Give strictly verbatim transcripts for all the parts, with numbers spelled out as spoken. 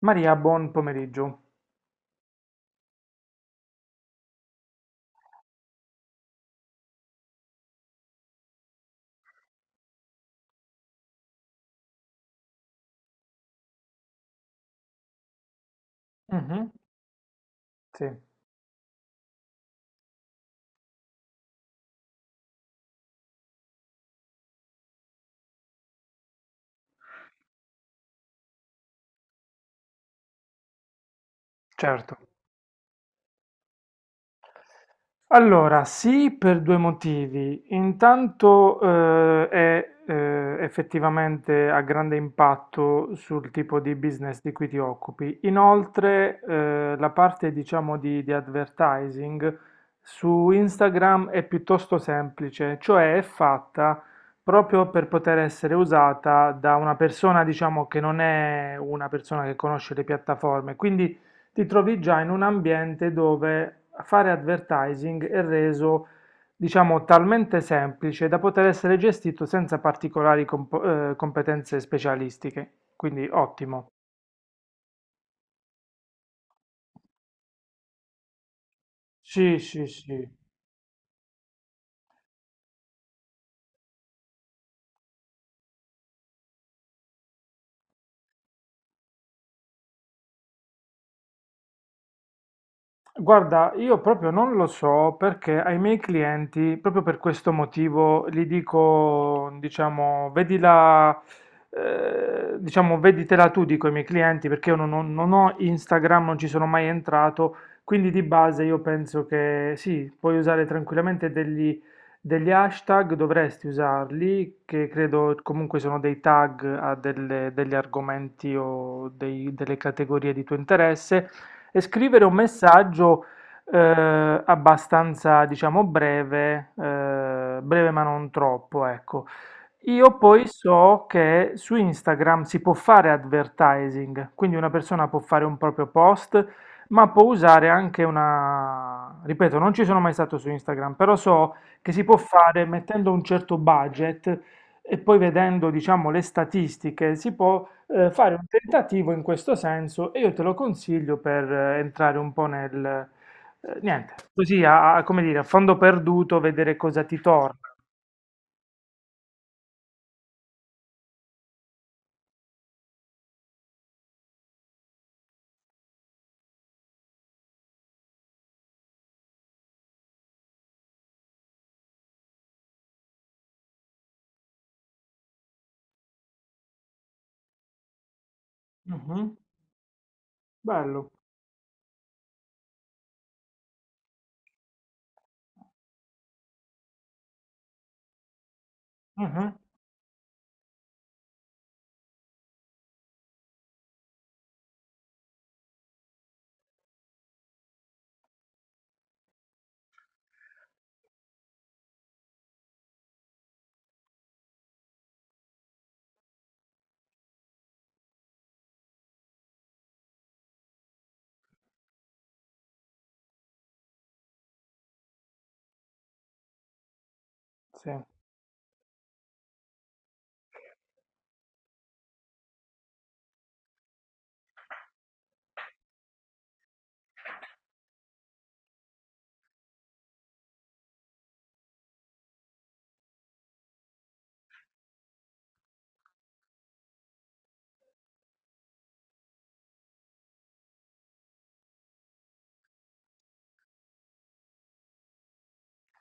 Maria, buon pomeriggio. Mhm, sì, certo. Allora, sì, per due motivi. Intanto eh, è eh, effettivamente a grande impatto sul tipo di business di cui ti occupi. Inoltre, eh, la parte, diciamo, di, di advertising su Instagram è piuttosto semplice, cioè è fatta proprio per poter essere usata da una persona, diciamo, che non è una persona che conosce le piattaforme. Quindi ti trovi già in un ambiente dove fare advertising è reso, diciamo, talmente semplice da poter essere gestito senza particolari comp- eh, competenze specialistiche. Quindi ottimo. Sì, sì, sì. Guarda, io proprio non lo so perché ai miei clienti, proprio per questo motivo, gli dico, diciamo, vedila, eh, diciamo, veditela tu, dico ai miei clienti, perché io non, ho non ho Instagram, non ci sono mai entrato, quindi di base io penso che sì, puoi usare tranquillamente degli, degli hashtag, dovresti usarli, che credo comunque sono dei tag a delle- degli argomenti o dei- delle categorie di tuo interesse e scrivere un messaggio eh, abbastanza, diciamo, breve, eh, breve ma non troppo, ecco. Io poi so che su Instagram si può fare advertising, quindi una persona può fare un proprio post, ma può usare anche una... Ripeto, non ci sono mai stato su Instagram, però so che si può fare mettendo un certo budget e poi vedendo, diciamo, le statistiche si può eh, fare un tentativo in questo senso e io te lo consiglio per eh, entrare un po' nel... eh, niente, così a, a- come dire, a fondo perduto, vedere cosa ti torna. Mhm. Bello. Mhm. Sì,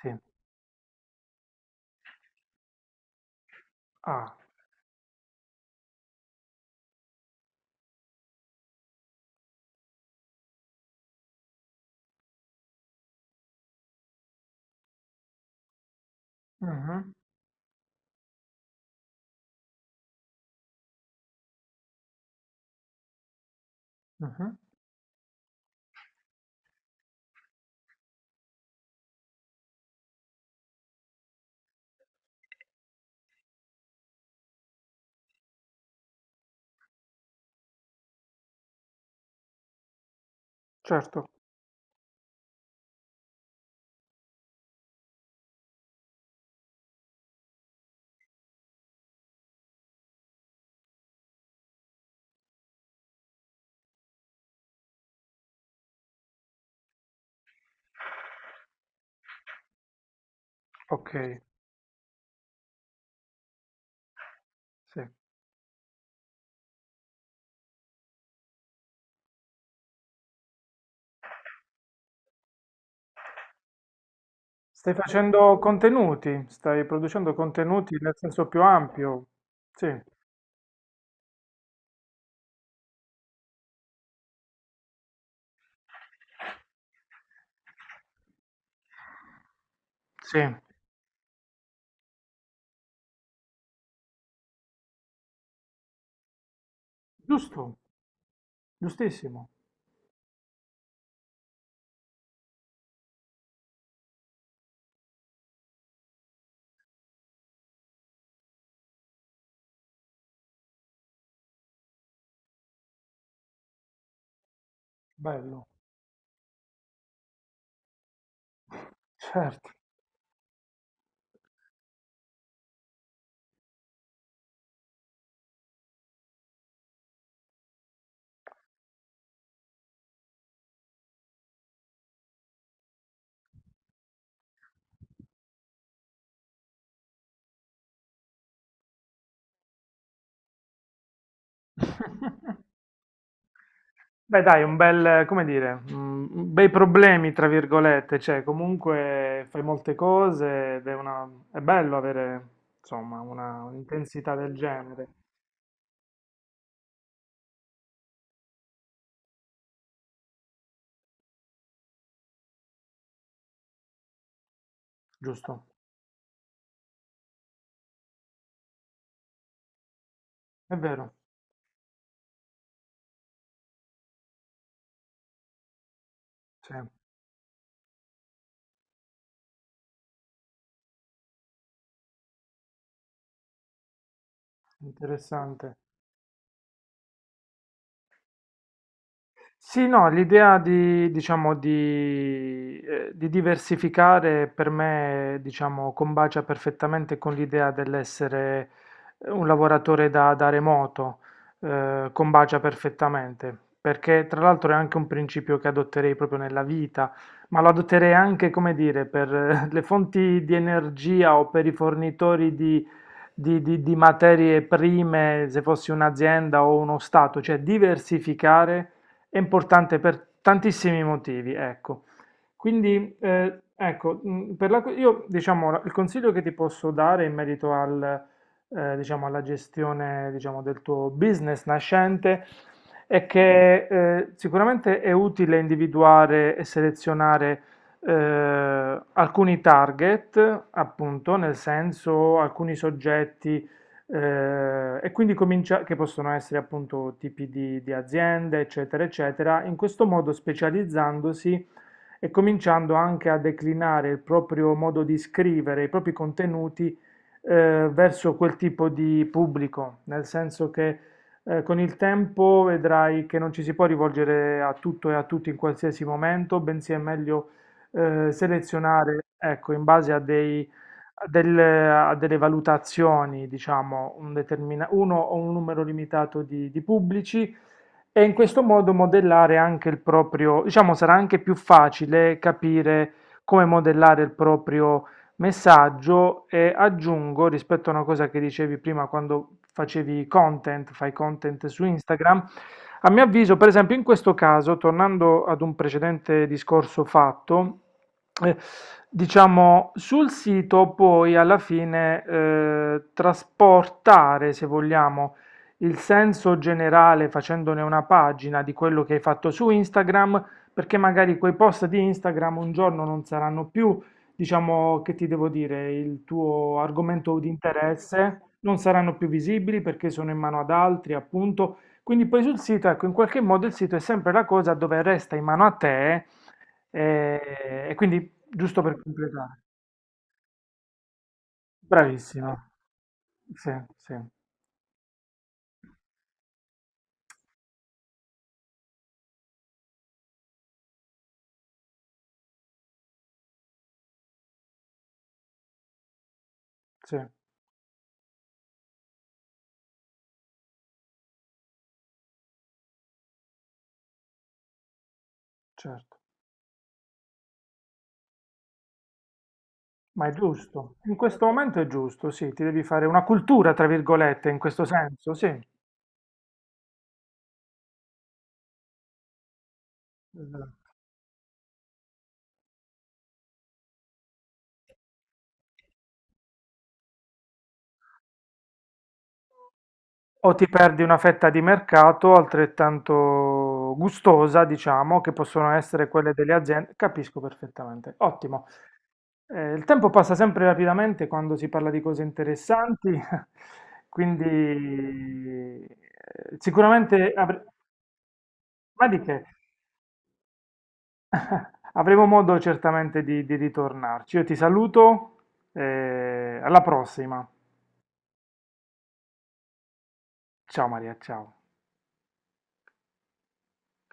sì. Ah, mhm, mhm, certo, ok, sì. Stai facendo contenuti, stai producendo contenuti nel senso più ampio. Sì. Sì, giusto, giustissimo, bello, certo. Beh, dai, un bel, come dire, mm, bei problemi, tra virgolette, cioè comunque fai molte cose ed è, una, è bello avere, insomma, una, un'intensità del genere, giusto? È vero, sì, interessante. Sì, no, l'idea di, diciamo, di, eh, di diversificare per me, diciamo, combacia perfettamente con l'idea dell'essere eh, un lavoratore da, da remoto, eh, combacia perfettamente, perché tra l'altro è anche un principio che adotterei proprio nella vita, ma lo adotterei anche, come dire, per eh, le fonti di energia o per i fornitori di, di, di di materie prime, se fossi un'azienda o uno stato, cioè diversificare è importante per tantissimi motivi, ecco. Quindi, eh, ecco, mh, per la, io diciamo la- il consiglio che ti posso dare in merito al, eh, diciamo, alla gestione, diciamo, del tuo business nascente è che eh, sicuramente è utile individuare e selezionare eh, alcuni target, appunto, nel senso alcuni soggetti eh, e quindi comincia, che possono essere appunto tipi di, di aziende, eccetera, eccetera, in questo modo specializzandosi e cominciando anche a declinare il proprio modo di scrivere, i propri contenuti eh, verso quel tipo di pubblico, nel senso che eh, con il tempo vedrai che non ci si può rivolgere a tutto e a tutti in qualsiasi momento, bensì è meglio eh, selezionare, ecco, in base a dei a delle, a delle valutazioni, diciamo, un determina- uno o un numero limitato di, di pubblici e in questo modo modellare anche il proprio, diciamo, sarà anche più facile capire come modellare il proprio messaggio e aggiungo rispetto a una cosa che dicevi prima quando facevi content, fai content su Instagram. A mio avviso, per esempio, in questo caso, tornando ad un precedente discorso fatto, eh, diciamo, sul sito poi alla fine eh, trasportare, se vogliamo, il senso generale facendone una pagina di quello che hai fatto su Instagram, perché magari quei post di Instagram un giorno non saranno più, diciamo, che ti devo dire, il tuo argomento di interesse, non saranno più visibili perché sono in mano ad altri, appunto quindi poi sul sito, ecco, in qualche modo il sito è sempre la cosa dove resta in mano a te eh, e quindi, giusto per completare, bravissima, sì, sì, sì, certo, ma è giusto, in questo momento è giusto, sì, ti devi fare una cultura, tra virgolette, in questo senso, sì, o ti perdi una fetta di mercato altrettanto gustosa, diciamo, che possono essere quelle delle aziende. Capisco perfettamente. Ottimo. Eh, il tempo passa sempre rapidamente quando si parla di cose interessanti, quindi eh, sicuramente avre- ma di che? avremo modo certamente di, di ritornarci. Io ti saluto, eh, alla prossima. Ciao Maria, ciao.